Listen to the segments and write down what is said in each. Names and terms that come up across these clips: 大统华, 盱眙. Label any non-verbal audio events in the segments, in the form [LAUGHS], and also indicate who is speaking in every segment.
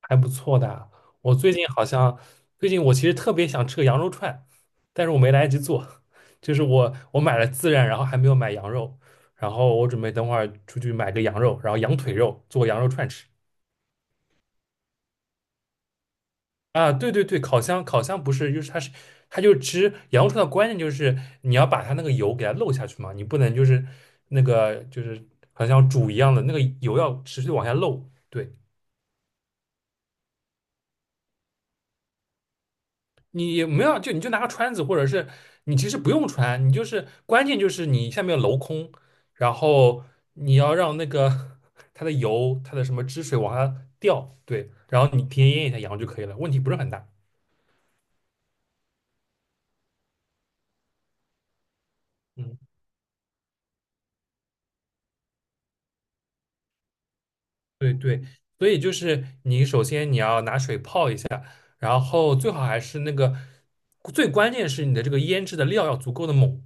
Speaker 1: 还不错的啊。我最近好像，最近我其实特别想吃个羊肉串，但是我没来得及做。就是我买了孜然，然后还没有买羊肉，然后我准备等会儿出去买个羊肉，然后羊腿肉做羊肉串吃。啊，对对对，烤箱不是，就是它是它就吃羊肉串的关键就是你要把它那个油给它漏下去嘛，你不能就是那个就是好像煮一样的那个油要持续地往下漏。对。你也没有，就你就拿个穿子，或者是你其实不用穿，你就是关键就是你下面要镂空，然后你要让那个 [LAUGHS] 它的油、它的什么汁水往下掉，对，然后你提前腌一下羊就可以了，问题不是很大。嗯，对对，所以就是你首先你要拿水泡一下，然后最好还是那个最关键是你的这个腌制的料要足够的猛，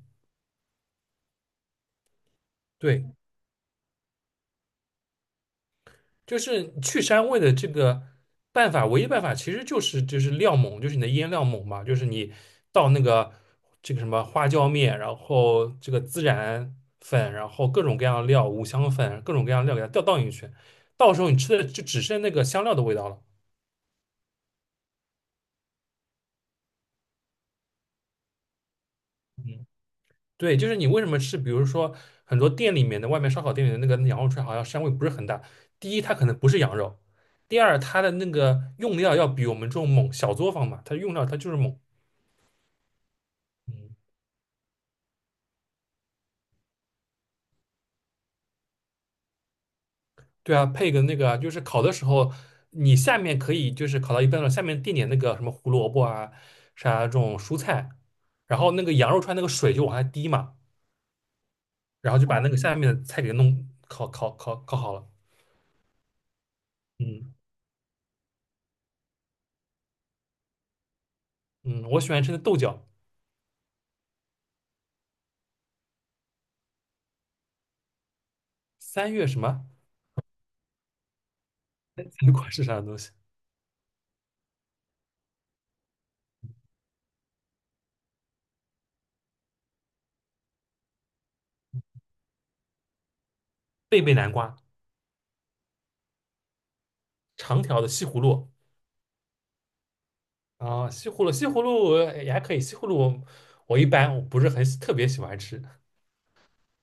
Speaker 1: 对，就是去膻味的这个办法，唯一办法其实就是料猛，就是你的腌料猛嘛，就是你倒那个这个什么花椒面，然后这个孜然粉，然后各种各样的料，五香粉，各种各样的料给它倒进去，到时候你吃的就只剩那个香料的味道了。嗯，对，就是你为什么吃，比如说很多店里面的外面烧烤店里的那个羊肉串，好像膻味不是很大。第一，它可能不是羊肉；第二，它的那个用料要比我们这种猛，小作坊嘛，它用料它就是猛。嗯对啊，配个那个啊，就是烤的时候，你下面可以就是烤到一半了，下面垫点那个什么胡萝卜啊，啥这种蔬菜，然后那个羊肉串那个水就往下滴嘛，然后就把那个下面的菜给弄烤好了。嗯嗯，我喜欢吃的豆角，三月什么？南瓜是啥东西？贝贝南瓜，长条的西葫芦啊，西葫芦西葫芦也还可以，西葫芦我一般我不是特别喜欢吃。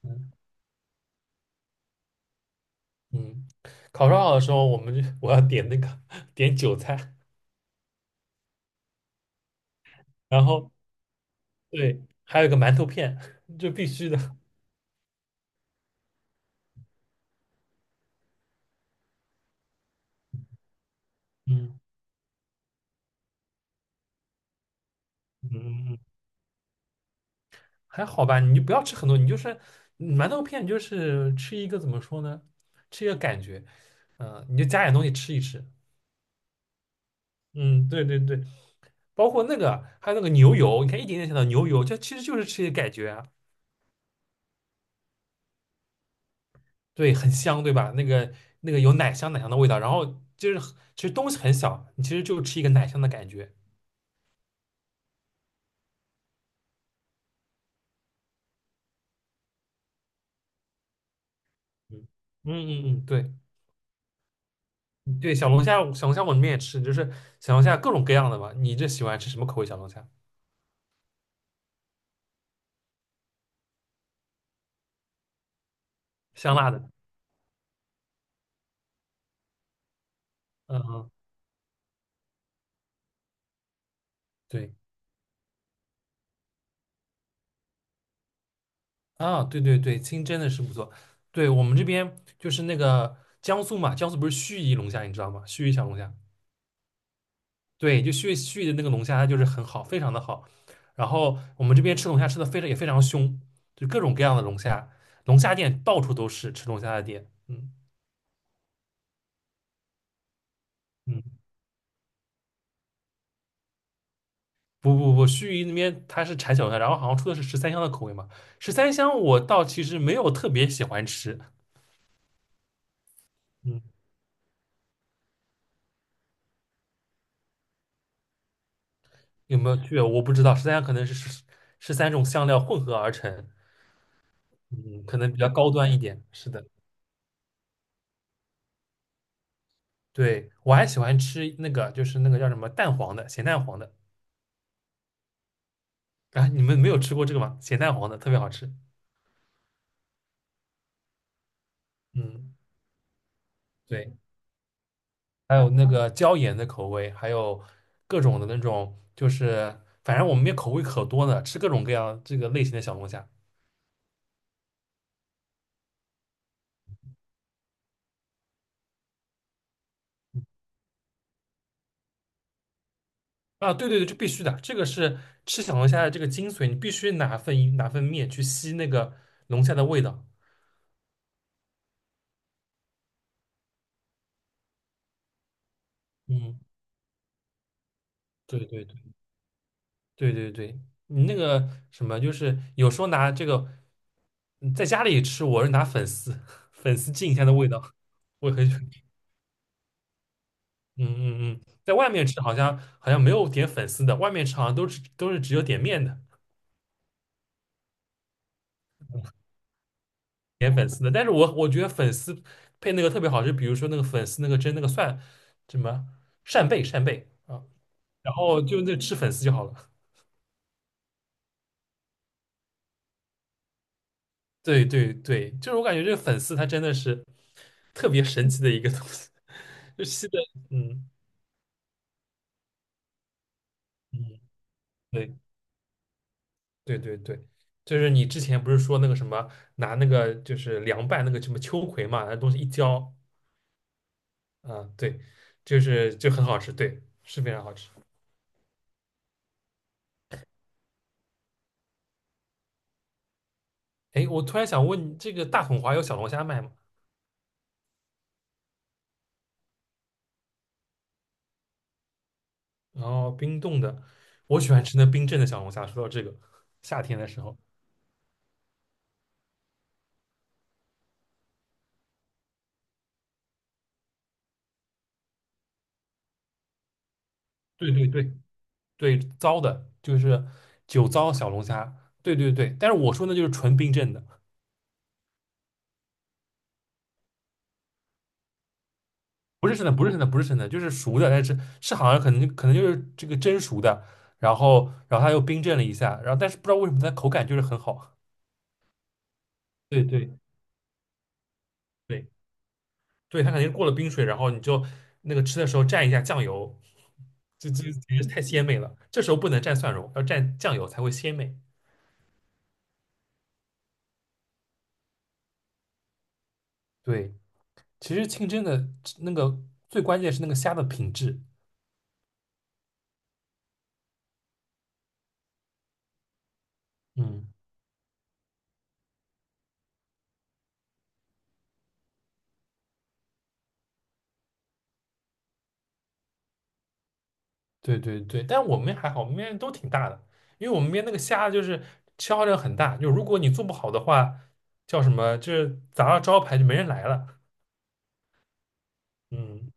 Speaker 1: 嗯嗯，烤烧烤的时候，我们就我要点那个 [LAUGHS] 点韭菜，然后对，还有一个馒头片，[LAUGHS] 就必须的。嗯嗯嗯，还好吧，你就不要吃很多，你就是馒头片，你就是吃一个怎么说呢？吃一个感觉，你就加点东西吃一吃。嗯，对对对，包括那个还有那个牛油，你看一点点想到牛油，就其实就是吃一个感觉啊，对，很香，对吧？那个有奶香奶香的味道，然后就是其实东西很小，你其实就吃一个奶香的感觉。嗯嗯嗯，嗯对对，小龙虾我们也吃，就是小龙虾各种各样的吧。你这喜欢吃什么口味小龙虾？香辣的。嗯嗯，对啊，对对对，清蒸的是不错。对我们这边就是那个江苏嘛，江苏不是盱眙龙虾，你知道吗？盱眙小龙虾，对，就盱眙的那个龙虾，它就是很好，非常的好。然后我们这边吃龙虾吃的非常凶，就各种各样的龙虾，龙虾店到处都是吃龙虾的店。嗯嗯。不不不，盱眙那边它是产小龙虾，然后好像出的是十三香的口味嘛。十三香我倒其实没有特别喜欢吃，嗯，有没有区别我不知道。十三香可能是十三种香料混合而成，嗯，可能比较高端一点。是的，对，我还喜欢吃那个，就是那个叫什么蛋黄的，咸蛋黄的。啊，你们没有吃过这个吗？咸蛋黄的特别好吃。嗯，对，还有那个椒盐的口味，还有各种的那种，就是反正我们那边口味可多呢，吃各种各样这个类型的小龙虾。啊，对对对，这必须的，这个是吃小龙虾的这个精髓，你必须拿份面去吸那个龙虾的味道。嗯，对对对对对对，你那个什么，就是有时候拿这个在家里吃，我是拿粉丝 [LAUGHS] 粉丝浸一下的味道，我很喜欢吃。嗯嗯嗯，在外面吃好像没有点粉丝的，外面吃好像都是只有点面的，点粉丝的。但是我觉得粉丝配那个特别好吃，比如说那个粉丝那个蒸那个蒜什么扇贝扇贝啊。然后就那吃粉丝就好了。[LAUGHS] 对对对，就是我感觉这个粉丝它真的是特别神奇的一个东西，[LAUGHS] 就吸的，嗯嗯，对对对对，就是你之前不是说那个什么拿那个就是凉拌那个什么秋葵嘛，那东西一浇，啊，对，就是就很好吃，对，是非常好吃。哎，我突然想问你这个大统华有小龙虾卖吗？然后冰冻的，我喜欢吃那冰镇的小龙虾。说到这个，夏天的时候，对对对，对，糟的，就是酒糟小龙虾。对对对，但是我说那就是纯冰镇的，不是生的，不是生的，不是生的，就是熟的，但是好像可能就是这个蒸熟的，然后它又冰镇了一下，然后但是不知道为什么它口感就是很好。对对对对，它肯定是过了冰水，然后你就那个吃的时候蘸一下酱油，这简直太鲜美了。这时候不能蘸蒜蓉，要蘸酱油才会鲜美。对，其实清蒸的那个最关键是那个虾的品质。嗯。对对对，但我们还好，我们面都挺大的，因为我们面那个虾就是消耗量很大，就如果你做不好的话，叫什么，就是砸了招牌就没人来了。嗯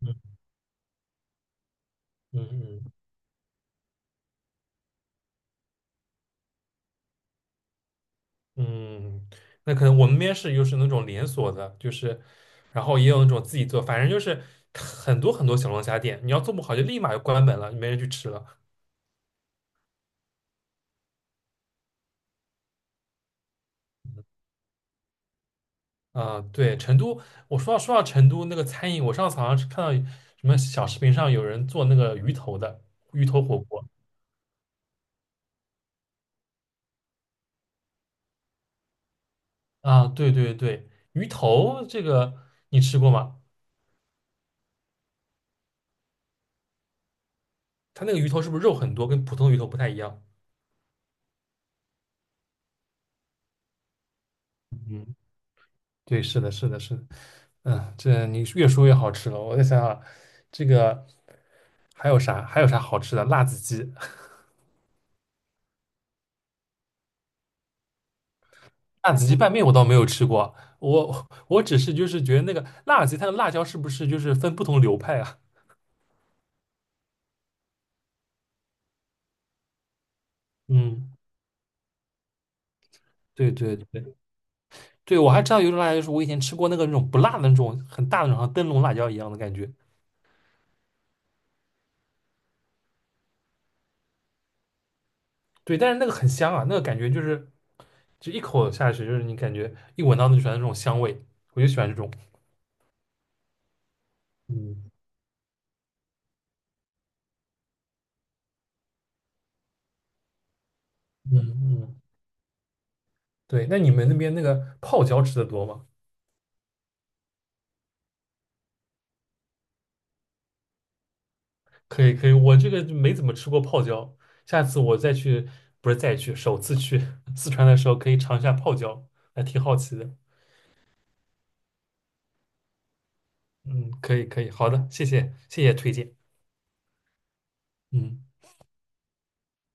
Speaker 1: 嗯嗯嗯嗯，那可能我们面试又是那种连锁的，就是，然后也有那种自己做，反正就是很多很多小龙虾店，你要做不好就立马就关门了，没人去吃了。啊、对，成都，我说到成都那个餐饮，我上次好像是看到什么小视频上有人做那个鱼头火锅。啊，对对对，鱼头这个你吃过吗？它那个鱼头是不是肉很多，跟普通鱼头不太一样？对，是的，是的，是的。嗯，这你越说越好吃了。我再想想，这个还有啥？还有啥好吃的？辣子鸡，[LAUGHS] 辣子鸡拌面我倒没有吃过。我只是就是觉得那个辣子鸡，它的辣椒是不是就是分不同流派啊？嗯，对对对对，我还知道有一种辣椒，就是我以前吃过那个那种不辣的那种很大的那种，像灯笼辣椒一样的感觉。对，但是那个很香啊，那个感觉就是就一口下去，就是你感觉一闻到就喜欢那船的这种香味，我就喜欢这种。嗯，嗯嗯，对，那你们那边那个泡椒吃的多吗？可以可以，我这个就没怎么吃过泡椒，下次我再去，不是再去，首次去 [LAUGHS] 四川的时候可以尝一下泡椒，还挺好奇的。嗯，可以可以，好的，谢谢谢谢推荐。嗯。